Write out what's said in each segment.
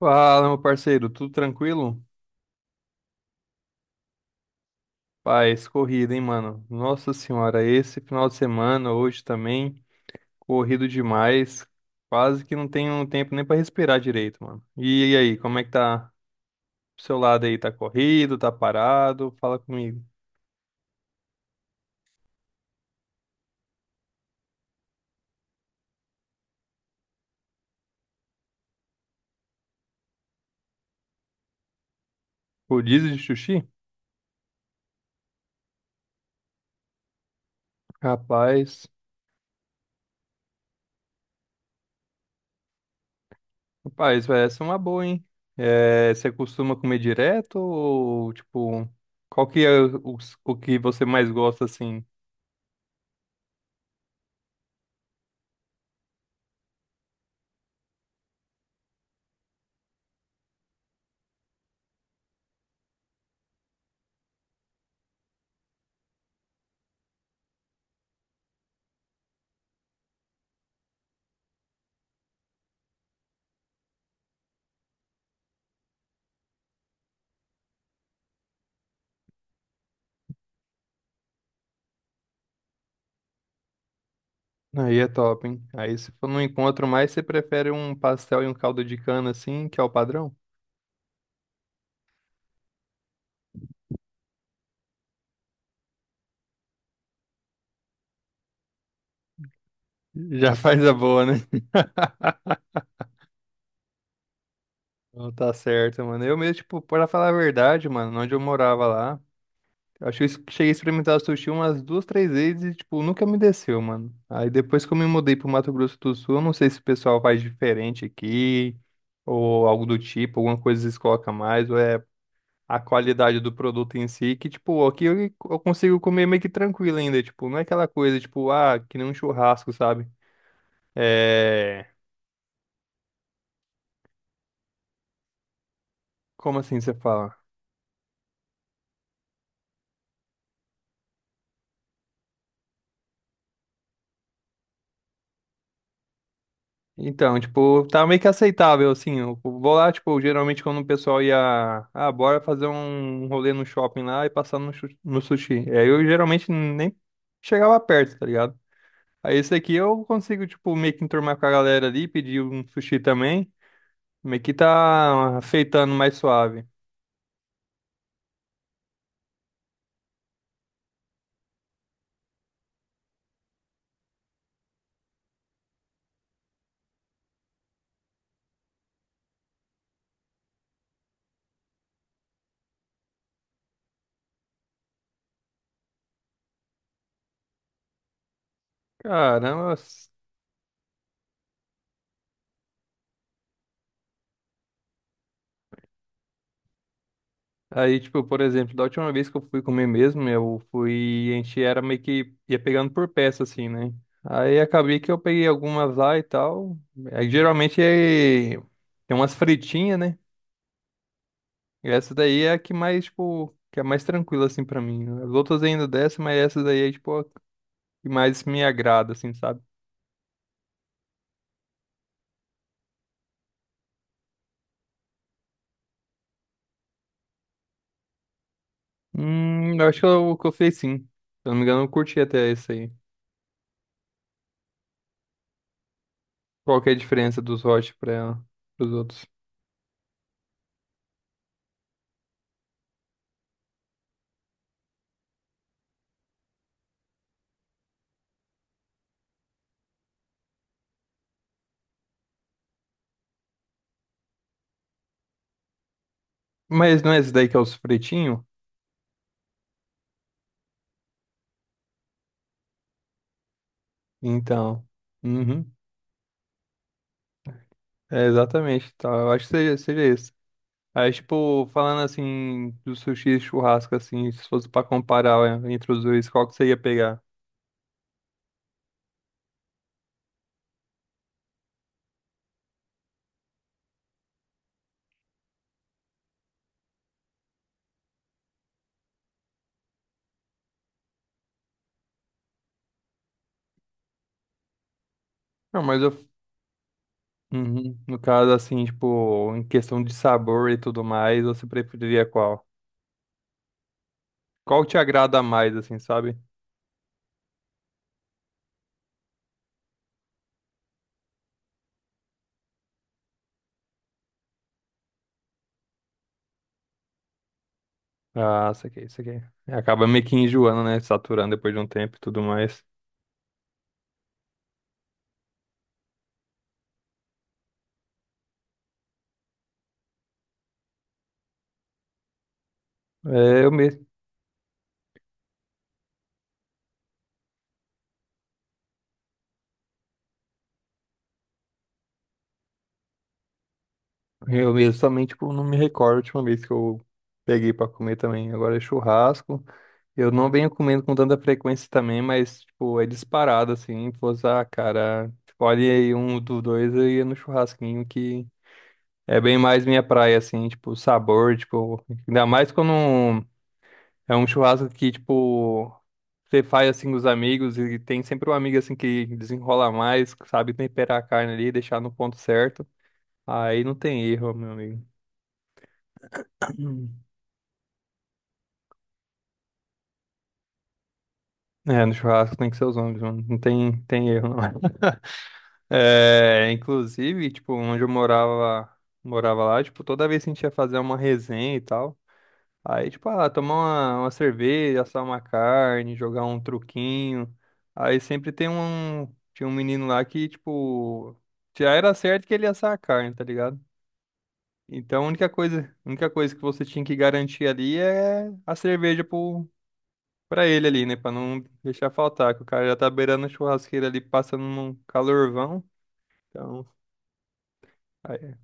Fala, meu parceiro, tudo tranquilo? Paz, corrida, hein, mano? Nossa senhora, esse final de semana, hoje também, corrido demais. Quase que não tenho tempo nem pra respirar direito, mano. E aí, como é que tá pro seu lado aí? Tá corrido, tá parado? Fala comigo. Rodízio de sushi? Rapaz, rapaz, vai, essa é uma boa, hein? É, você costuma comer direto ou, tipo, qual que é o que você mais gosta, assim? Aí é top, hein? Aí se for num encontro mais, você prefere um pastel e um caldo de cana assim, que é o padrão? Já faz a boa, né? Não, tá certo, mano. Eu mesmo, tipo, pra falar a verdade, mano, onde eu morava lá, eu acho que cheguei a experimentar sushi umas duas, três vezes e, tipo, nunca me desceu, mano. Aí depois que eu me mudei pro Mato Grosso do Sul, eu não sei se o pessoal faz diferente aqui, ou algo do tipo, alguma coisa eles colocam mais, ou é a qualidade do produto em si, que, tipo, aqui eu consigo comer meio que tranquilo ainda, tipo, não é aquela coisa, tipo, ah, que nem um churrasco, sabe? É... Como assim você fala? Então, tipo, tá meio que aceitável, assim, eu vou lá, tipo, geralmente quando o pessoal ia, ah, bora fazer um rolê no shopping lá e passar no sushi, é, eu geralmente nem chegava perto, tá ligado? Aí esse aqui eu consigo, tipo, meio que enturmar com a galera ali, pedir um sushi também, meio que tá feitando mais suave. Caramba. Aí, tipo, por exemplo, da última vez que eu fui comer mesmo, eu fui, a gente era meio que ia pegando por peça, assim, né? Aí acabei que eu peguei algumas lá e tal. Aí geralmente é... tem umas fritinhas, né? E essa daí é a que mais, tipo, que é mais tranquila, assim, pra mim. As outras ainda dessa, mas essa daí é, tipo, a que mais me agrada, assim, sabe? Eu acho que eu fiz, sim. Se eu não me engano, eu curti até esse aí. Qual que é a diferença dos hot pra ela, pros outros? Mas não é esse daí que é os fritinho? Então. Uhum. É exatamente, tá? Eu acho que seja esse. Aí, tipo, falando assim, do sushi e churrasco, assim, se fosse pra comparar é, entre os dois, qual que você ia pegar? Não, mas eu. Uhum. No caso, assim, tipo, em questão de sabor e tudo mais, você preferiria qual? Qual te agrada mais, assim, sabe? Ah, isso aqui, isso aqui. Acaba meio que enjoando, né? Saturando depois de um tempo e tudo mais. É, eu mesmo. Eu mesmo também, tipo, não me recordo a última vez que eu peguei pra comer também. Agora é churrasco. Eu não venho comendo com tanta frequência também, mas, tipo, é disparado, assim. Pô, ah, cara, escolhe aí um dos dois, eu ia no churrasquinho, que é bem mais minha praia, assim, tipo, o sabor, tipo. Ainda mais quando é um churrasco que, tipo, você faz assim com os amigos e tem sempre um amigo assim que desenrola mais, que sabe temperar a carne ali, deixar no ponto certo. Aí não tem erro, meu amigo. É, no churrasco tem que ser os homens, mano. Tem erro, não. É, inclusive, tipo, morava lá, tipo, toda vez que a gente ia fazer uma resenha e tal, aí, tipo, ah, tomar uma cerveja, assar uma carne, jogar um truquinho. Aí sempre tem um, tinha um menino lá que, tipo, já era certo que ele ia assar a carne, tá ligado? Então a única coisa que você tinha que garantir ali é a cerveja pro, pra ele ali, né? Pra não deixar faltar, que o cara já tá beirando a churrasqueira ali, passando num calorvão. Então, aí,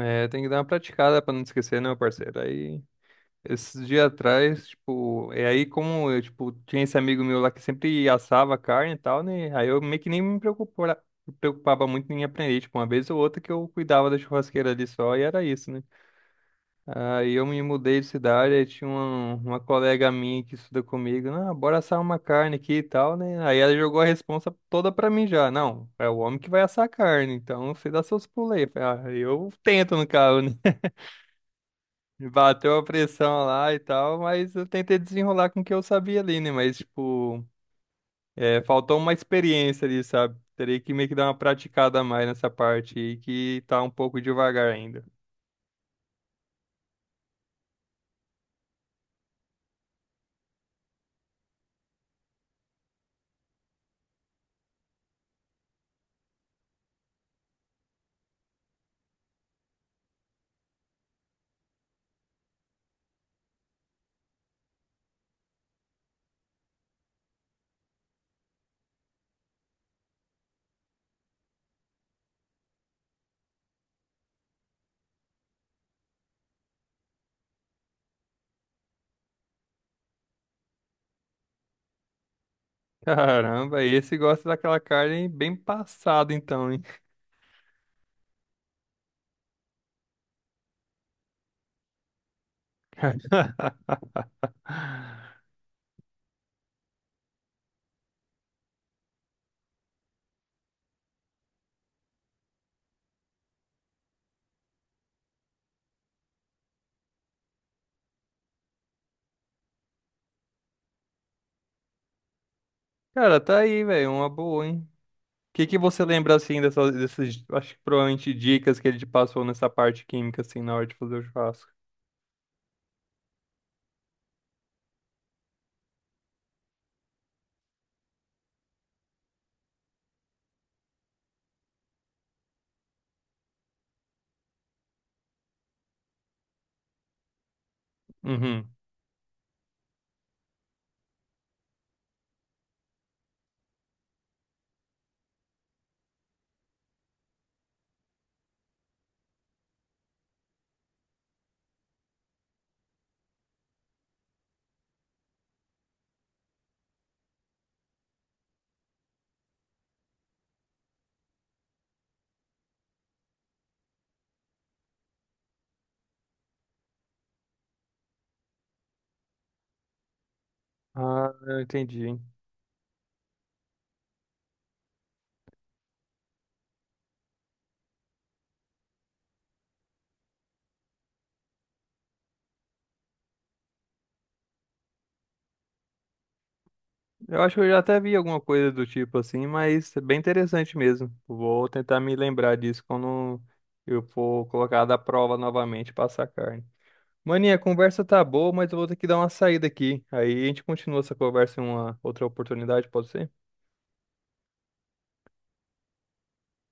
é, tem que dar uma praticada pra não esquecer, né, meu parceiro? Aí, esses dias atrás, tipo, é, aí como eu, tipo, tinha esse amigo meu lá que sempre assava carne e tal, né? Aí eu meio que nem me preocupava, me preocupava muito em aprender, tipo, uma vez ou outra que eu cuidava da churrasqueira ali só e era isso, né? Aí eu me mudei de cidade, aí tinha uma colega minha que estuda comigo, ah, bora assar uma carne aqui e tal, né? Aí ela jogou a responsa toda pra mim já, não, é o homem que vai assar a carne, então você dá seus pulei. Eu falei, ah, eu tento no carro, né? Bateu a pressão lá e tal, mas eu tentei desenrolar com o que eu sabia ali, né? Mas, tipo, é, faltou uma experiência ali, sabe? Teria que meio que dar uma praticada a mais nessa parte aí, que tá um pouco devagar ainda. Caramba, esse gosta daquela carne bem passada, então, hein? Cara, tá aí, velho, uma boa, hein? O que que você lembra, assim, dessas, acho que provavelmente dicas que ele te passou nessa parte química, assim, na hora de fazer o churrasco? Uhum. Ah, eu entendi, hein? Eu acho que eu já até vi alguma coisa do tipo, assim, mas é bem interessante mesmo. Vou tentar me lembrar disso quando eu for colocar da prova novamente, passar carne. Maninha, a conversa tá boa, mas eu vou ter que dar uma saída aqui. Aí a gente continua essa conversa em uma outra oportunidade, pode ser?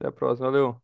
Até a próxima, valeu.